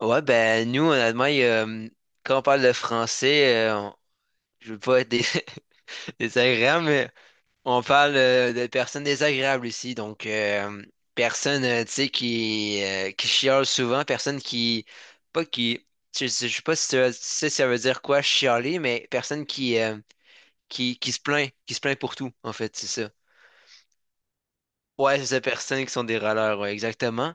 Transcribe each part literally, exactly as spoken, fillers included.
Ouais, ben nous, honnêtement, il y a, euh, quand on parle de français, euh, on- je veux pas être dés- désagréable, mais on parle euh, de personnes désagréables ici. Donc, euh, personne, euh, tu sais, qui, euh, qui chiale souvent, personne qui, pas qui, je, je je sais pas si tu tu sais si ça veut dire quoi, chialer, mais personne qui, euh, qui, qui se plaint, qui se plaint pour tout, en fait, c'est ça. Ouais, c'est ça, personnes qui sont des râleurs, ouais, exactement.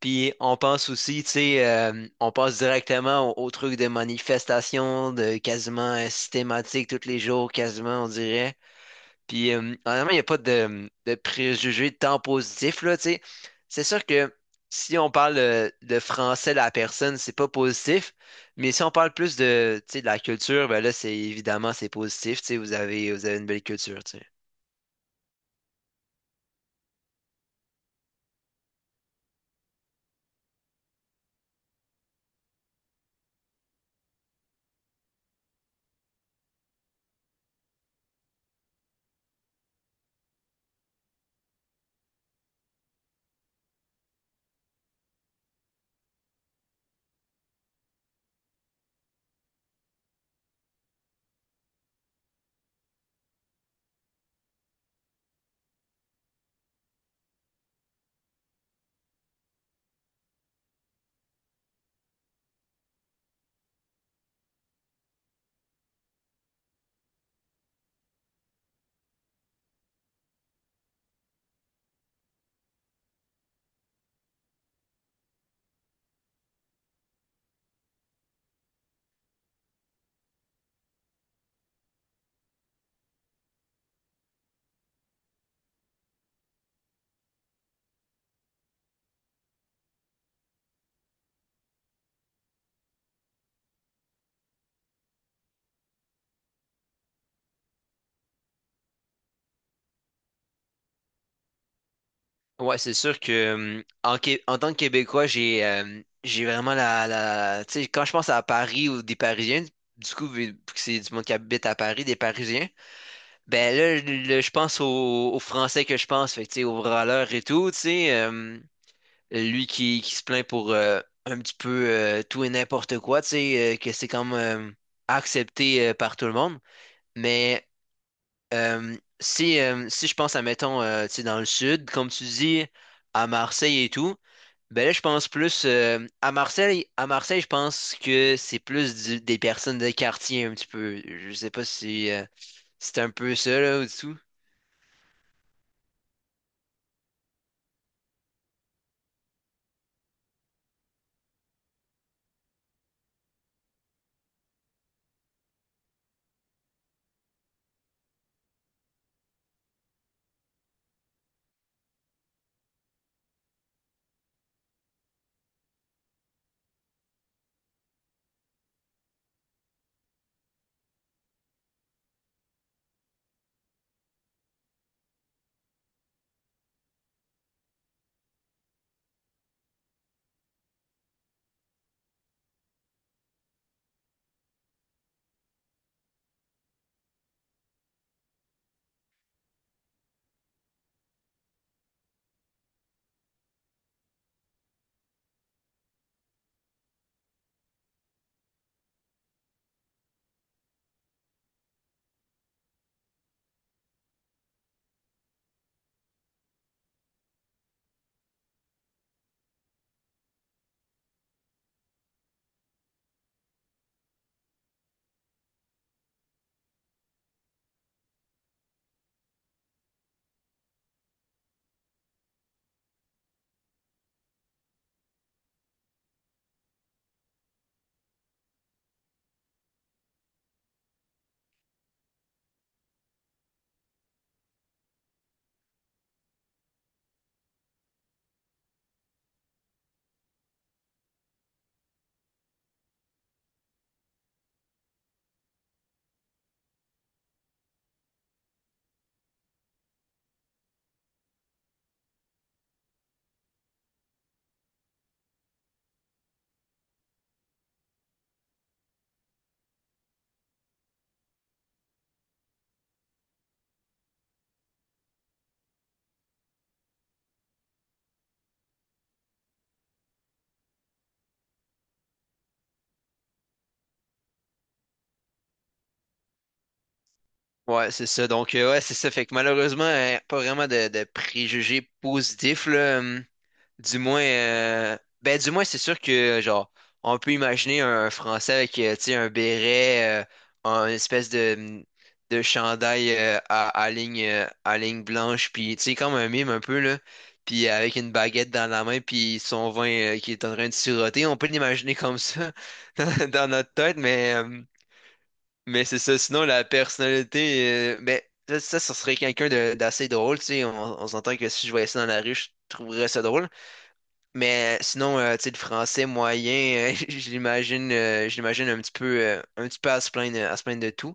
Puis on pense aussi, tu sais, euh, on passe directement au, au truc de manifestation, de quasiment euh, systématique tous les jours, quasiment, on dirait. Puis euh, honnêtement, il n'y a pas de, de préjugés de temps positif, là, tu sais. C'est sûr que si on parle euh, de français de la personne, c'est pas positif. Mais si on parle plus de, tu sais, de la culture, ben là, c'est évidemment, c'est positif, tu sais, vous avez, vous avez une belle culture, tu sais. Ouais, c'est sûr que hum, en, Qué- en tant que Québécois, j'ai euh, j'ai vraiment la, la... Tu sais, quand je pense à Paris ou des Parisiens, du coup, vu que c'est du monde qui habite à Paris, des Parisiens, ben là, je là, je pense aux, aux Français que je pense, fait que, tu sais, aux râleurs et tout, tu sais, euh, lui qui, qui se plaint pour euh, un petit peu euh, tout et n'importe quoi, tu sais, euh, que c'est comme euh, accepté euh, par tout le monde. Mais euh, si, euh, si je pense à, mettons, euh, tu sais, dans le sud, comme tu dis, à Marseille et tout, ben là, je pense plus euh, à Marseille. À Marseille, je pense que c'est plus du- des personnes de quartier un petit peu. Je sais pas si euh, c'est un peu ça là au-dessous. Ouais, c'est ça. Donc euh, ouais, c'est ça. Fait que malheureusement, euh, pas vraiment de, de préjugés positifs là. Du moins, euh, ben du moins, c'est sûr que genre, on peut imaginer un Français avec, euh, tu sais, un béret, euh, un- une espèce de, mm, de chandail euh, à, à ligne, euh, à ligne blanche, puis tu sais, comme un mime un peu là, puis avec une baguette dans la main, puis son vin euh, qui est en train de siroter. On peut l'imaginer comme ça dans, dans notre tête, mais euh, mais c'est ça. Sinon, la personnalité, euh, mais ça, ça, ça serait quelqu'un de- d'assez drôle, tu sais. On, on s'entend que si je voyais ça dans la rue, je trouverais ça drôle. Mais sinon, euh, tu sais, le français moyen, euh, je l'imagine, euh, je l'imagine un petit peu, euh, un petit peu à se plaindre, à se plaindre de tout.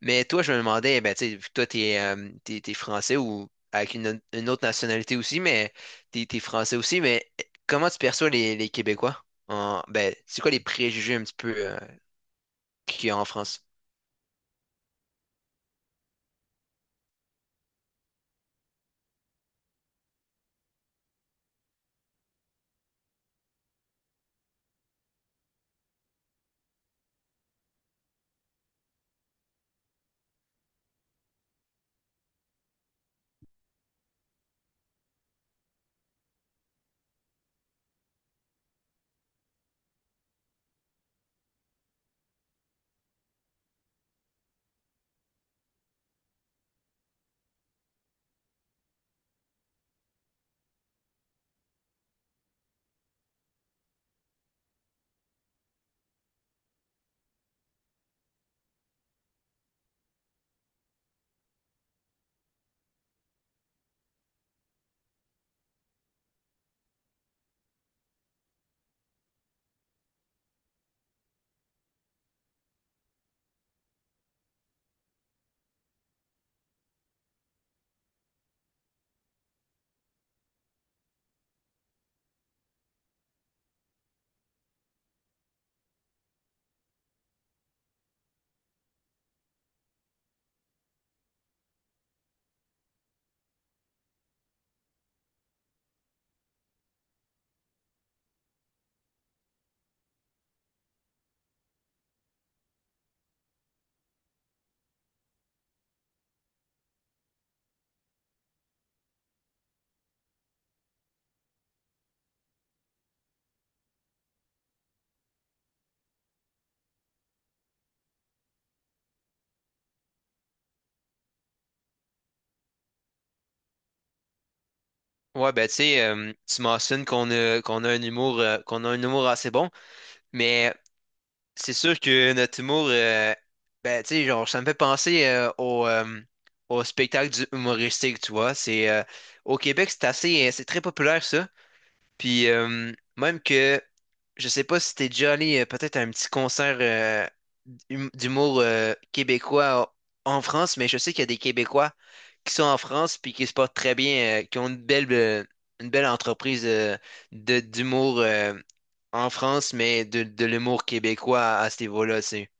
Mais toi, je me demandais, ben, tu sais, vu que toi, t'es, euh, t'es, t'es français ou avec une, autre une autre nationalité aussi, mais t'es, t'es français aussi, mais eh, comment tu perçois les, les Québécois? En, ben, c'est quoi les préjugés un petit peu, euh, qu'il y a en France? Ouais, ben, tu sais, euh, tu mentionnes qu'on a, qu'on a un humour, euh, qu'on a un humour assez bon, mais c'est sûr que notre humour, euh, ben, tu sais, genre, ça me fait penser euh, au, euh, au spectacle du humoristique, tu vois. C'est, euh, au Québec, c'est assez, euh, c'est très populaire, ça. Puis, euh, même que, je sais pas si t'es déjà allé euh, peut-être à un petit concert euh, d'hum- d'humour euh, québécois en en France, mais je sais qu'il y a des Québécois qui sont en France puis qui se portent très bien, euh, qui ont une belle, euh, une belle entreprise euh, de, d'humour euh, en France, mais de, de l'humour québécois à, à ce niveau-là, c'est.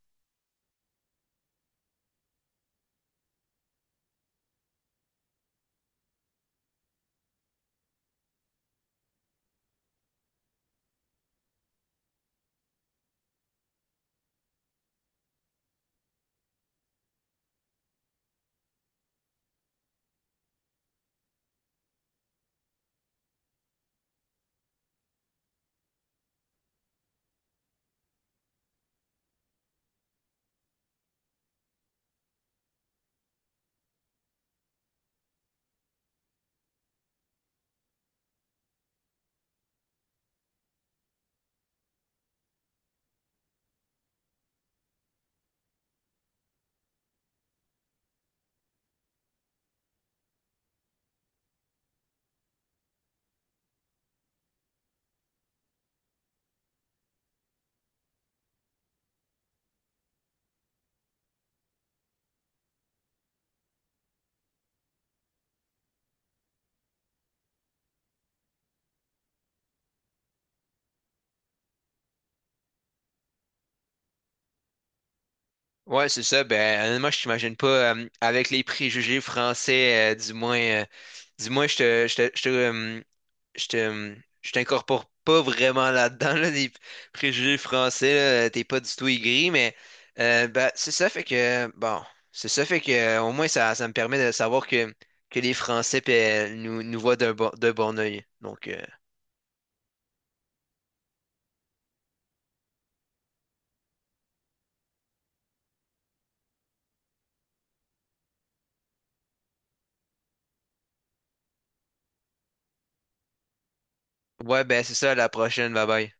Ouais, c'est ça. Ben, honnêtement, je t'imagine pas euh, avec les préjugés français, euh, du moins, euh, du moins, je te, je te, je te, euh, je te, hum, je t'incorpore pas vraiment là-dedans, là, des préjugés français, là, t'es pas du tout aigri, mais euh, ben, c'est ça fait que, bon, c'est ça fait que, euh, au moins, ça, ça me permet de savoir que, que les Français euh, nous, nous voient d'un bon, d'un bon œil. Donc, euh, ouais, ben, c'est ça, à la prochaine, bye bye.